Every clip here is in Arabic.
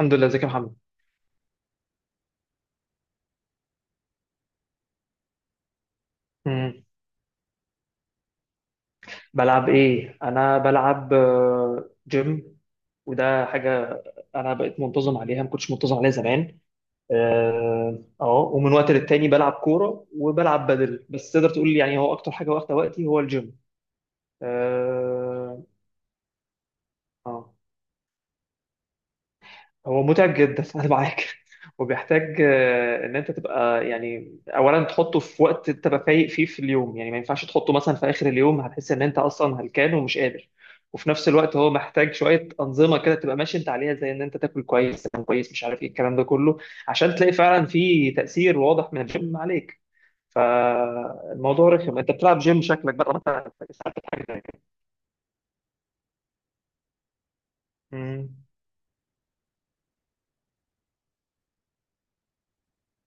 الحمد لله، ازيك يا محمد؟ مم. بلعب ايه؟ انا بلعب جيم. وده حاجه، انا بقيت منتظم عليها، ما كنتش منتظم عليها زمان. اه أهو. ومن وقت للتاني بلعب كوره وبلعب بدل، بس تقدر تقول يعني هو اكتر حاجه واخده وقتي هو الجيم. اه. آه. هو متعب جدا انا معاك. وبيحتاج ان انت تبقى يعني اولا تحطه في وقت تبقى فايق فيه في اليوم، يعني ما ينفعش تحطه مثلا في اخر اليوم، هتحس ان انت اصلا هلكان ومش قادر. وفي نفس الوقت هو محتاج شويه انظمه كده تبقى ماشي انت عليها، زي ان انت تاكل كويس، تنام كويس، مش عارف ايه الكلام ده كله. عشان تلاقي فعلا في تاثير واضح من الجيم عليك. فالموضوع رخم، انت بتلعب جيم شكلك بقى مثلا ساعات حاجه زي كده. امم.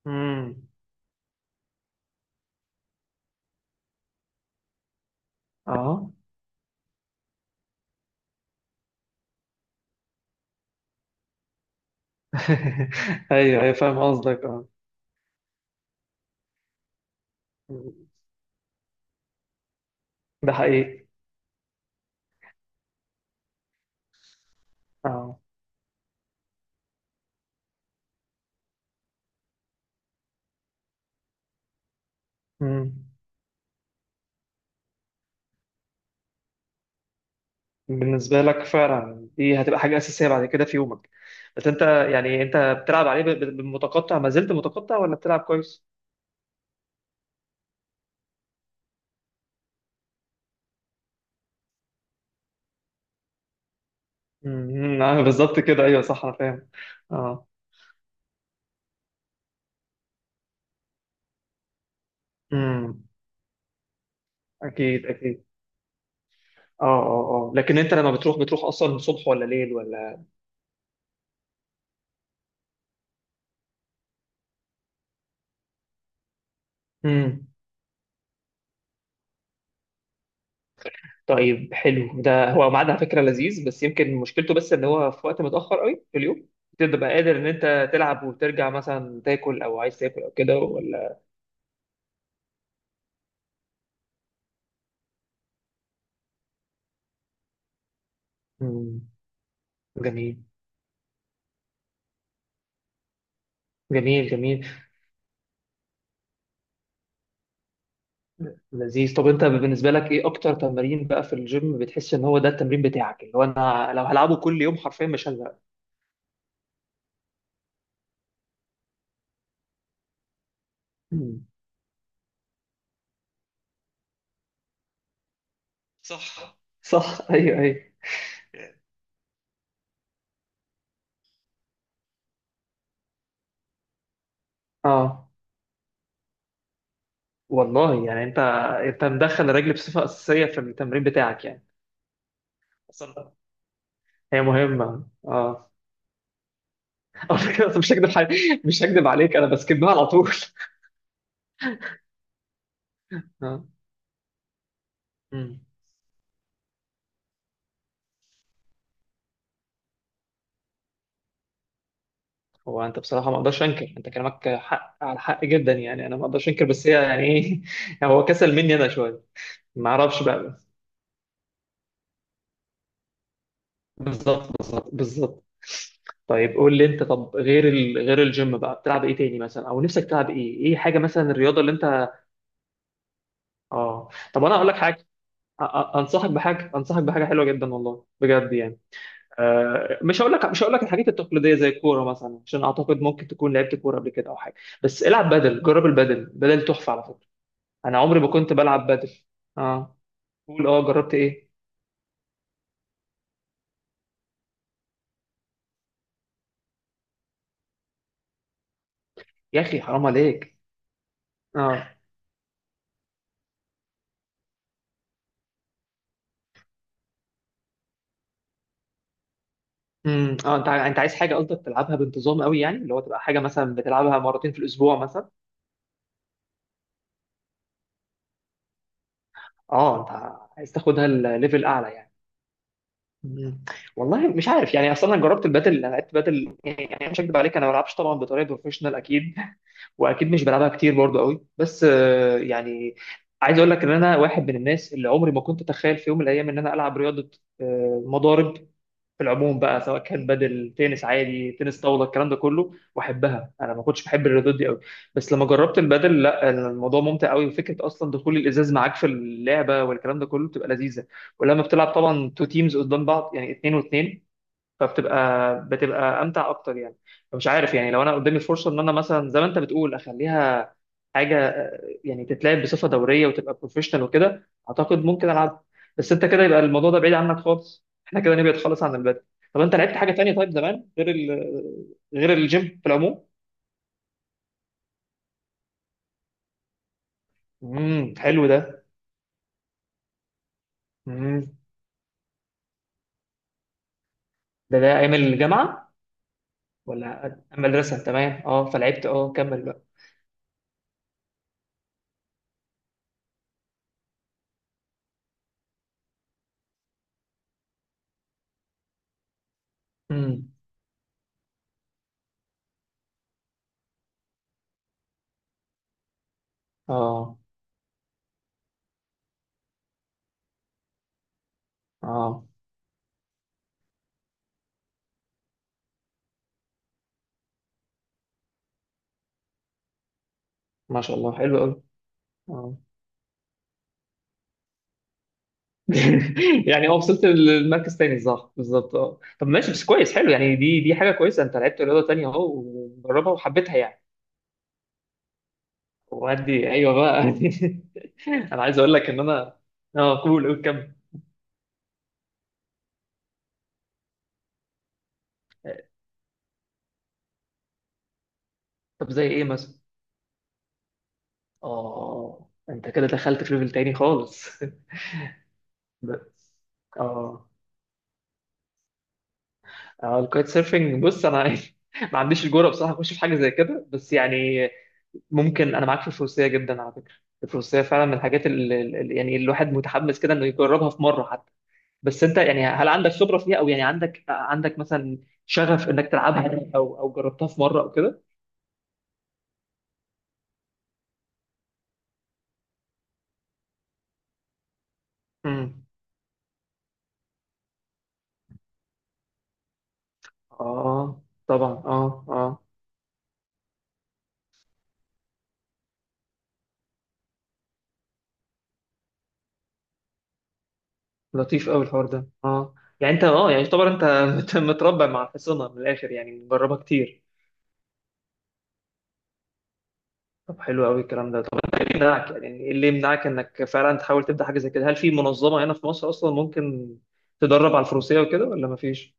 امم. اه، ايوه ايوه، فاهم قصدك اه. ده حقيقي. اه. مم. بالنسبة لك فعلا دي هتبقى حاجة أساسية بعد كده في يومك. بس أنت يعني أنت بتلعب عليه بالمتقطع، ما زلت متقطع ولا بتلعب كويس؟ امم، آه، بالظبط كده، أيوه صح، أنا فاهم. اه. امم. أكيد أكيد. اه اه اه، لكن أنت لما بتروح، بتروح أصلا صبح ولا ليل ولا... امم. طيب، حلو ده، هو ميعاد على فكرة لذيذ، بس يمكن مشكلته بس إن هو في وقت متأخر قوي في اليوم. تبقى قادر إن أنت تلعب وترجع مثلا تاكل، أو عايز تاكل أو كده ولا... مم. جميل. جميل جميل. لذيذ، طب انت بالنسبه لك ايه اكتر تمرين بقى في الجيم بتحس ان هو ده التمرين بتاعك؟ اللي هو انا لو هلعبه كل يوم حرفيا مش هزهق. مم. صح صح، ايوه ايوه. يعني، اه. والله، يعني انت مدخل الرجل بصفه اساسيه في التمرين بتاعك يعني. اصلا. هي مهمه اه. على فكره مش هكدب حي... مش هكدب عليك، انا بسكبها على طول اه. مم. هو انت بصراحه ما اقدرش انكر، انت كلامك حق على حق جدا، يعني انا ما اقدرش انكر، بس هي يعني ايه يعني هو كسل مني انا شويه. ما اعرفش بقى. بالظبط، بالظبط، بالظبط. طيب قول لي انت، طب غير الجيم بقى بتلعب ايه تاني مثلا، او نفسك تلعب ايه حاجه مثلا الرياضه اللي انت... اه، طب انا اقول لك حاجه. انصحك بحاجه حلوه جدا، والله بجد يعني. مش هقول لك الحاجات التقليديه زي الكوره مثلا، عشان اعتقد ممكن تكون لعبت كوره قبل كده او حاجه. بس العب بدل، جرب البدل، بدل تحفه على فكره. انا عمري ما كنت بلعب بادل. اه، قول، اه، جربت ايه؟ يا اخي حرام عليك! اه. امم، اه، انت عايز حاجه قصدك تلعبها بانتظام قوي، يعني اللي هو تبقى حاجه مثلا بتلعبها مرتين في الاسبوع مثلا. اه، انت عايز تاخدها الليفل اعلى يعني. مم. والله مش عارف يعني، اصلا انا جربت البادل، انا لعبت بادل، يعني مش هكدب عليك، انا ما بلعبش طبعا بطريقه بروفيشنال اكيد. واكيد مش بلعبها كتير برضو قوي، بس يعني. عايز اقول لك ان انا واحد من الناس اللي عمري ما كنت اتخيل في يوم من الايام ان انا العب رياضه. مضارب. في العموم بقى، سواء كان بدل، تنس عادي، تنس طاوله، الكلام ده كله، واحبها، انا ما كنتش بحب الرياضات دي قوي. بس لما جربت البدل، لا، الموضوع ممتع قوي، وفكره اصلا دخول الازاز معاك في اللعبه والكلام ده كله بتبقى لذيذه. ولما بتلعب طبعا تو تيمز قدام بعض، يعني اتنين واتنين. فبتبقى امتع اكتر يعني. مش عارف يعني، لو انا قدامي الفرصه ان انا مثلا زي ما انت بتقول اخليها حاجه يعني تتلعب بصفه دوريه وتبقى بروفيشنال وكده، اعتقد ممكن العبها. بس انت كده يبقى الموضوع ده بعيد عنك خالص، احنا كده نبعد خالص عن البدل. طب انت لعبت حاجه تانية طيب زمان غير الجيم في العموم؟ امم، حلو ده. امم. ده ايام الجامعه؟ ولا المدرسه؟ تمام اه، فلعبت اه، كمل بقى. امم. اه اه، ما شاء الله. حلو قوي. يعني اه، وصلت للمركز تاني صح، بالظبط اه، طب ماشي بس كويس، حلو يعني، دي حاجه كويسه، انت لعبت رياضه تانية اهو وجربها وحبيتها يعني. وادي ايوه بقى انا عايز اقول لك ان انا... اه، قول قول، كمل. طب زي ايه مثلا؟ اه، انت كده دخلت في ليفل تاني خالص. بس. اه. اه، الكايت سيرفنج، بص انا ما عنديش الجرأة بصراحه اخش في حاجه زي كده، بس يعني... ممكن انا معاك في الفروسيه جدا على فكره. الفروسيه فعلا من الحاجات اللي يعني الواحد متحمس كده انه يجربها في مره حتى. بس انت يعني، هل عندك خبره فيها؟ او يعني عندك مثلا شغف انك تلعبها، او جربتها في مره او كده؟ امم، اه، طبعا اه اه. لطيف قوي الحوار ده، اه يعني انت اه يعني يعتبر انت متربع مع الحصانه من الاخر، يعني مجربها كتير. طب حلو قوي الكلام ده، طب انت ايه يمنعك، يعني ايه اللي يمنعك انك فعلا تحاول تبدا حاجه زي كده؟ هل في منظمه هنا في مصر اصلا ممكن تدرب على الفروسيه وكده ولا مفيش؟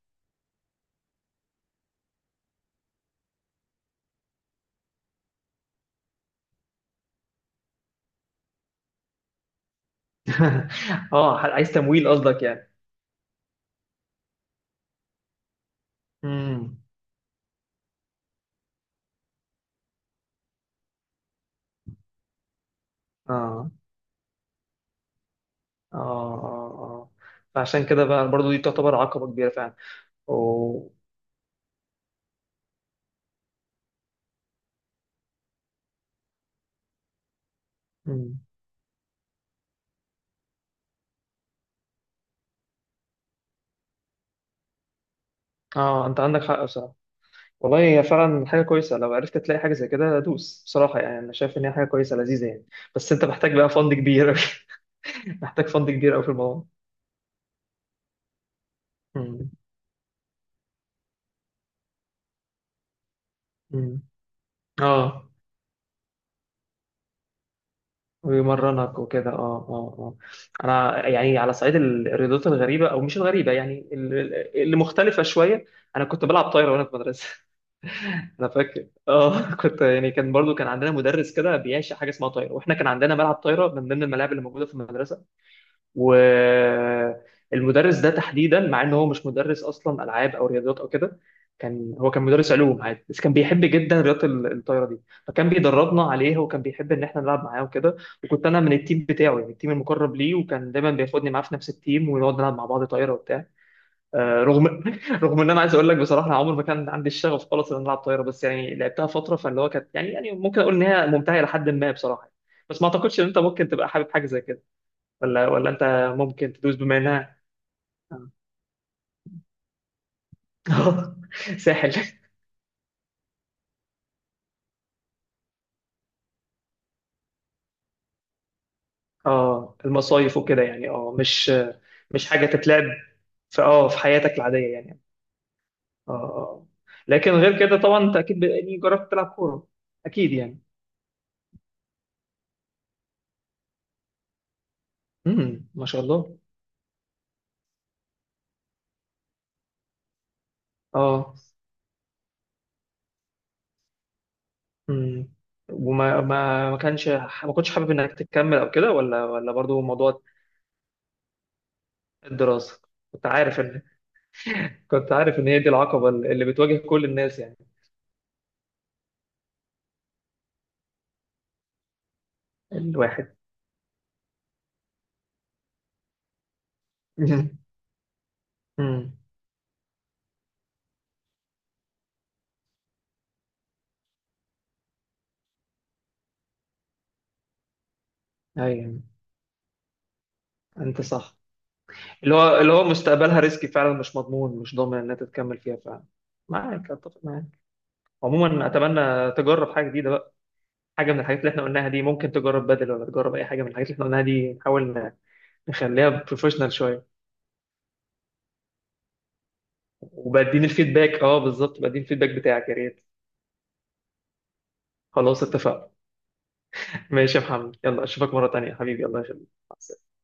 اه، عايز تمويل قصدك يعني؟ امم، اه اه اه اه، فعشان كده بقى برضو دي تعتبر عقبه كبيره فعلا. أو... مم. اه، انت عندك حق بصراحه. والله هي فعلا حاجه كويسه، لو عرفت تلاقي حاجه زي كده دوس بصراحه، يعني انا شايف ان هي حاجه كويسه لذيذه يعني. بس انت محتاج بقى فند كبير. محتاج فند كبير قوي في الموضوع. مم. مم. اه، ويمرنك وكده، اه اه اه. انا يعني على صعيد الرياضات الغريبه او مش الغريبه، يعني اللي مختلفه شويه. انا كنت بلعب طايره وانا في مدرسه. انا فاكر اه، كنت يعني كان برضو كان عندنا مدرس كده بيعشق حاجه اسمها طايره، واحنا كان عندنا ملعب طايره من ضمن الملاعب اللي موجوده في المدرسه. والمدرس ده تحديدا، مع ان هو مش مدرس اصلا العاب او رياضيات او كده. هو كان مدرس علوم عادي، بس كان بيحب جدا رياضه الطايره دي. فكان بيدربنا عليها، وكان بيحب ان احنا نلعب معاه وكده. وكنت انا من التيم بتاعه، يعني التيم المقرب ليه، وكان دايما بياخدني معاه في نفس التيم ونقعد نلعب مع بعض طايره وبتاع. رغم رغم ان انا عايز اقول لك بصراحه، أنا عمري ما كان عندي الشغف خالص ان أنا العب طايره، بس يعني لعبتها فتره فاللي هو كانت يعني ممكن اقول ان هي ممتعه لحد ما بصراحه. بس ما اعتقدش ان انت ممكن تبقى حابب حاجه زي كده. ولا انت... ممكن تدوس بما انها... اه، ساحل. اه، المصايف وكده يعني، اه مش... مش حاجه تتلعب في حياتك العاديه يعني. اه اه آه. لكن غير كده طبعا، انت اكيد يعني جربت تلعب كوره. اكيد يعني. امم، ما شاء الله. اه. امم. وما ما ما كانش ما كنتش حابب انك تكمل او كده، ولا برضو موضوع الدراسه؟ كنت عارف ان... كنت عارف ان هي دي العقبه اللي بتواجه كل الناس يعني. الواحد. امم. أمم. ايوه. انت صح. اللي هو مستقبلها ريسكي فعلا، مش مضمون مش ضامن انها تتكمل فيها فعلا. معاك، اتفق معاك. عموما اتمنى تجرب حاجه جديده بقى. حاجه من الحاجات اللي احنا قلناها دي، ممكن تجرب بدل ولا تجرب اي حاجه من الحاجات اللي احنا قلناها دي، نحاول نخليها بروفيشنال شويه. وبديني الفيدباك، اه بالظبط، بديني الفيدباك بتاعك يا ريت. خلاص اتفقنا. ماشي يا محمد، يلا اشوفك مره تانيه حبيبي، الله يخليك، مع السلامة.